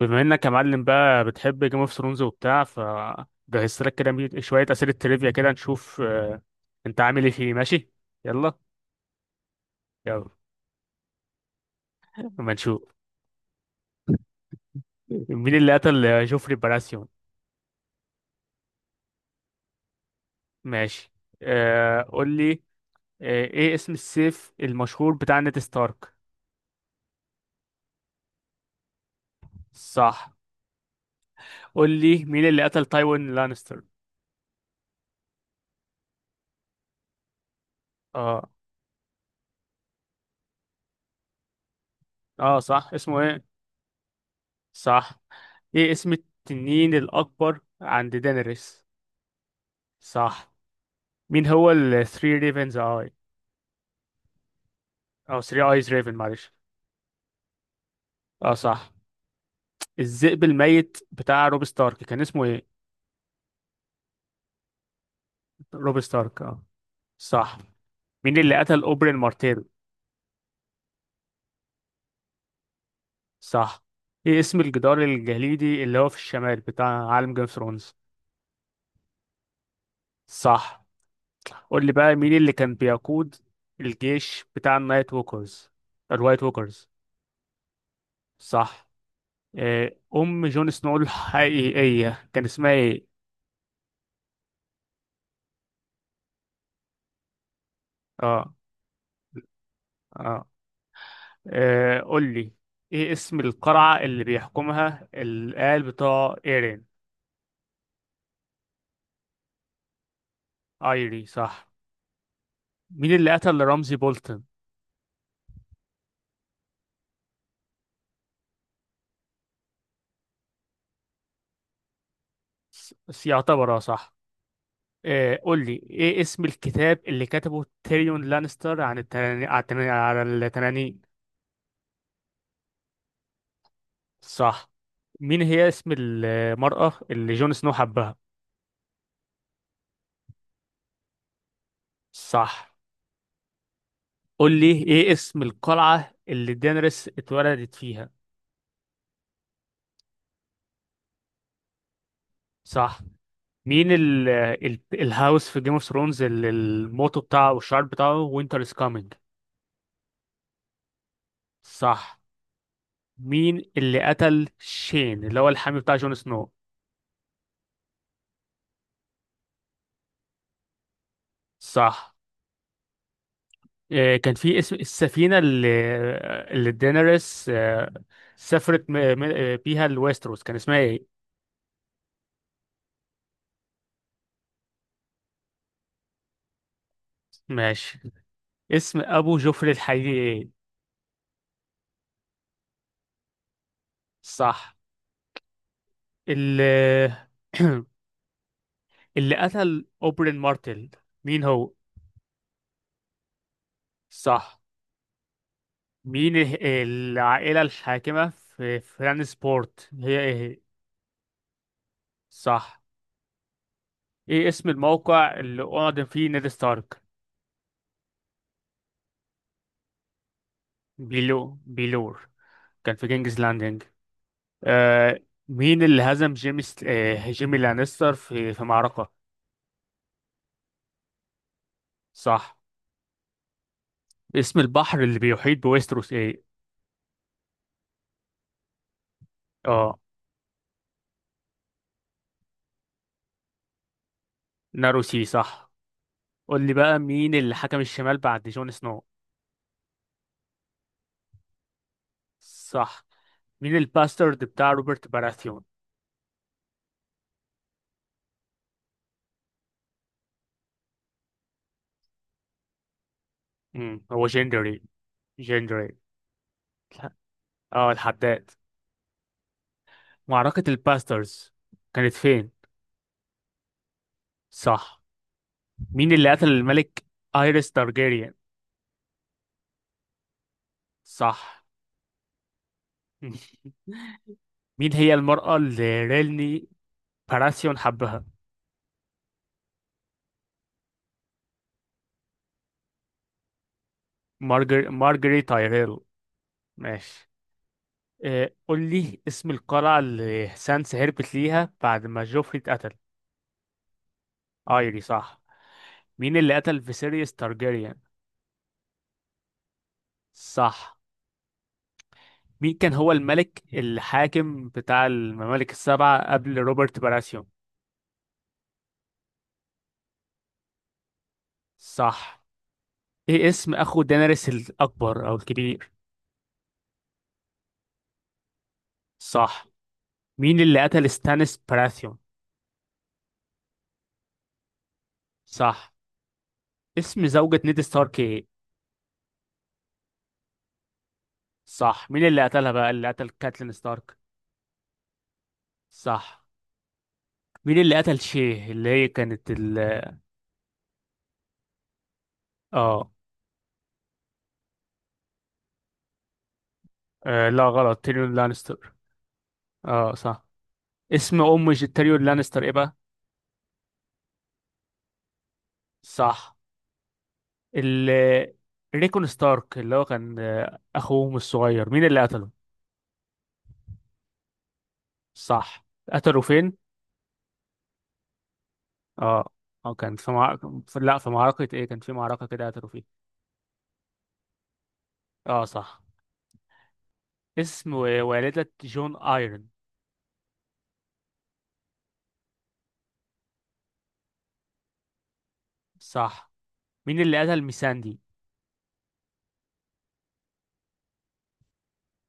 بما انك يا معلم بقى بتحب جيم اوف ثرونز وبتاع فجهزت لك كده شويه اسئله تريفيا كده نشوف انت عامل ايه فيه ماشي. يلا. يلا. اما نشوف. مين اللي قتل جوفري باراسيون؟ ماشي. آه قول لي. آه ايه اسم السيف المشهور بتاع نيد ستارك؟ صح. قول لي مين اللي قتل تايوين لانستر؟ اه. اه صح، اسمه ايه؟ صح. ايه اسم التنين الاكبر عند دينيريس؟ صح. مين هو الثري ريفنز؟ اه، 3 ايز ريفن معلش. اه صح. الذئب الميت بتاع روب ستارك كان اسمه ايه؟ روب ستارك اه. صح. مين اللي قتل اوبرين مارتيل؟ صح. ايه اسم الجدار الجليدي اللي هو في الشمال بتاع عالم جيم اوف ثرونز؟ صح. قول لي بقى مين اللي كان بيقود الجيش بتاع النايت ووكرز، الوايت ووكرز؟ صح. ام جون سنو الحقيقية كان اسمها ايه؟ اه. اه. آه قول لي، ايه اسم القلعة اللي بيحكمها الآل بتاع ايرين؟ ايري صح. مين اللي قتل رمزي بولتن؟ يعتبر اه صح. آه قول لي، ايه اسم الكتاب اللي كتبه تيريون لانستر عن التنانين على على التنانين؟ صح. مين هي اسم المرأة اللي جون سنو حبها؟ صح. قول لي ايه اسم القلعة اللي دينيريس اتولدت فيها؟ صح. مين ال الهاوس في جيم اوف ثرونز اللي الموتو بتاعه او الشعار بتاعه وينتر از كامينج؟ صح. مين اللي قتل شين اللي هو الحامي بتاع جون سنو؟ صح. آه كان في اسم السفينة اللي دينيريس آه سافرت بيها لويستروس كان اسمها ايه؟ ماشي. اسم ابو جوفري الحقيقي ايه؟ صح. اللي اللي قتل اوبرين مارتل مين هو؟ صح. مين العائلة الحاكمة في فران سبورت هي ايه؟ صح. ايه اسم الموقع اللي أعدم فيه نيد ستارك؟ بيلو، بيلور، كان في كينجز لاندنج. آه. مين اللي هزم جيمي ست... آه جيمي لانستر في معركة؟ صح. اسم البحر اللي بيحيط بويستروس ايه؟ اه. ناروسي صح. قول لي بقى مين اللي حكم الشمال بعد جون سنو؟ صح. مين الباسترد بتاع روبرت باراثيون؟ مم، هو جندري. جندري. اه الحداد. معركة الباسترز كانت فين؟ صح. مين اللي قتل الملك ايريس تارجيريان؟ صح. مين هي المرأة اللي ريلني باراسيون حبها؟ مارجر... مارجري تايريل. ماشي. قول لي اسم القلعة اللي سانس هربت ليها بعد ما جوفري اتقتل؟ ايري صح. مين اللي قتل فيسيريس تارجيريان؟ صح. مين كان هو الملك الحاكم بتاع الممالك السبعة قبل روبرت باراسيون؟ صح. ايه اسم اخو دينيريس الاكبر او الكبير؟ صح. مين اللي قتل ستانيس براثيون؟ صح. اسم زوجة نيد ستارك ايه؟ صح. مين اللي قتلها بقى، اللي قتل كاتلين ستارك؟ صح. مين اللي قتل شيه اللي هي كانت ال اه؟ لا غلط تيريون لانستر. اه صح. اسم ام تيريون لانستر ايه بقى؟ صح. ال ريكون ستارك اللي هو كان اخوهم الصغير مين اللي قتله؟ صح. قتله فين؟ اه. اه كانت في معركة لا في معركة ايه كان في معركة كده قتلوا فيها. اه صح. اسم والدة جون ايرون؟ صح. مين اللي قتل ميساندي؟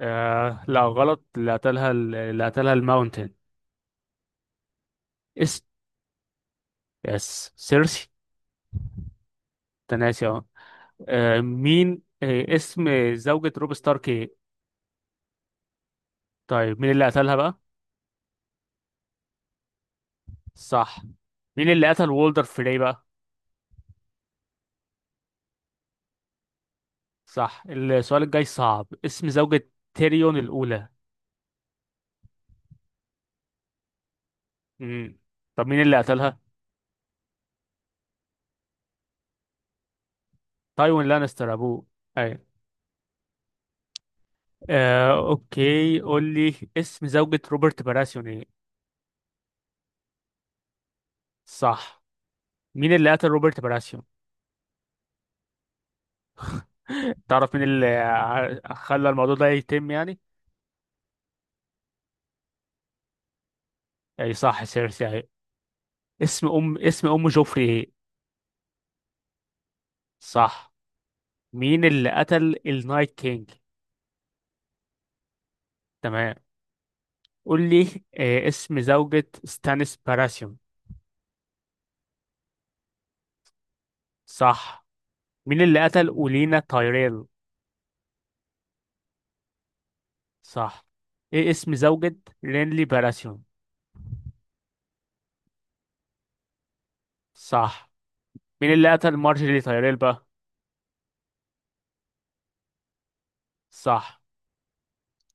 آه لا غلط، اللي قتلها اللي قتلها الماونتن. اسم. يس سيرسي. تناسي اه. مين. آه اسم زوجة روب ستارك ايه؟ طيب مين اللي قتلها بقى؟ صح. مين اللي قتل وولدر فري بقى؟ صح. السؤال الجاي صعب، اسم زوجة تيريون الأولى؟ مم. طب مين اللي قتلها؟ تايوين لانستر ابوه. ايوه. اوكي، قول لي اسم زوجة روبرت براسيون ايه؟ صح. مين اللي قتل روبرت براسيون؟ تعرف مين اللي خلى الموضوع ده يتم يعني؟ اي صح، سيرسي اهي. اسم ام، اسم ام جوفري ايه؟ صح. مين اللي قتل النايت كينج؟ تمام. قول لي اسم زوجة ستانيس براسيون؟ صح. مين اللي قتل اولينا تايريل؟ صح. ايه اسم زوجة رينلي براسيون؟ صح. مين اللي قتل مارجري تايريل بقى؟ صح.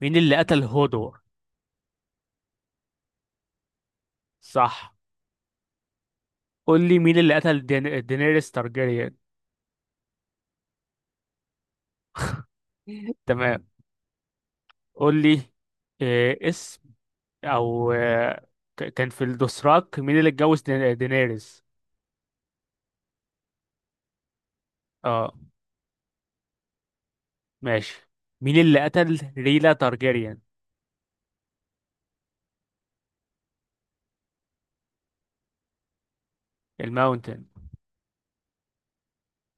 مين اللي قتل هودور؟ صح. قول لي مين اللي قتل دين... دينيريس تارجيريان؟ تمام. قول لي، إيه اسم، او كان في الدوسراك مين اللي اتجوز دينيريس؟ اه ماشي. مين اللي قتل ريلا تارجيريان؟ الماونتن.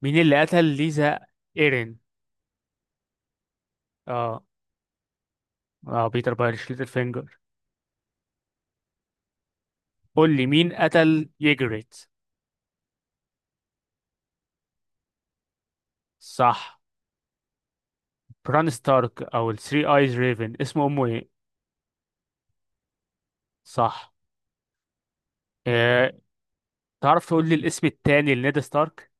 مين اللي قتل ليزا ايرين؟ اه. اه بيتر بايرش ليتل فينجر. قول لي مين قتل ييجريت؟ صح. بران ستارك او الثري ايز ريفن اسمه امه ايه؟ صح. إيه. تعرف تقول لي الاسم التاني لنيد ستارك؟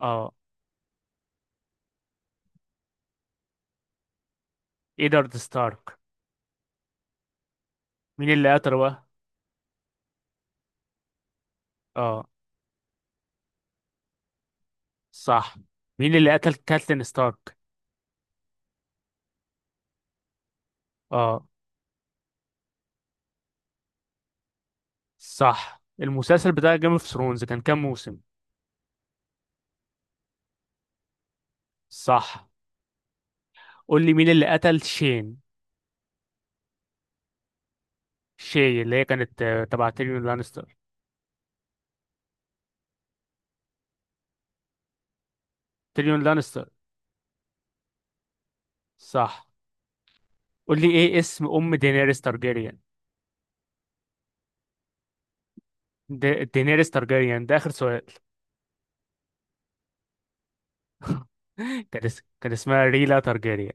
اه. ايدارد ستارك. مين اللي قتله بقى؟ اه صح. مين اللي قتل كاتلين ستارك؟ اه صح. المسلسل بتاع جيم اوف ثرونز كان كام موسم؟ صح. قول لي مين اللي قتل شين؟ شي اللي هي كانت تبع تيريون لانستر. تيريون لانستر. صح. قول لي ايه اسم ام دينيريس تارجيريان؟ دي... دينيريس تارجيريان ده اخر سؤال. كان اسمها ريلا تارجاريان.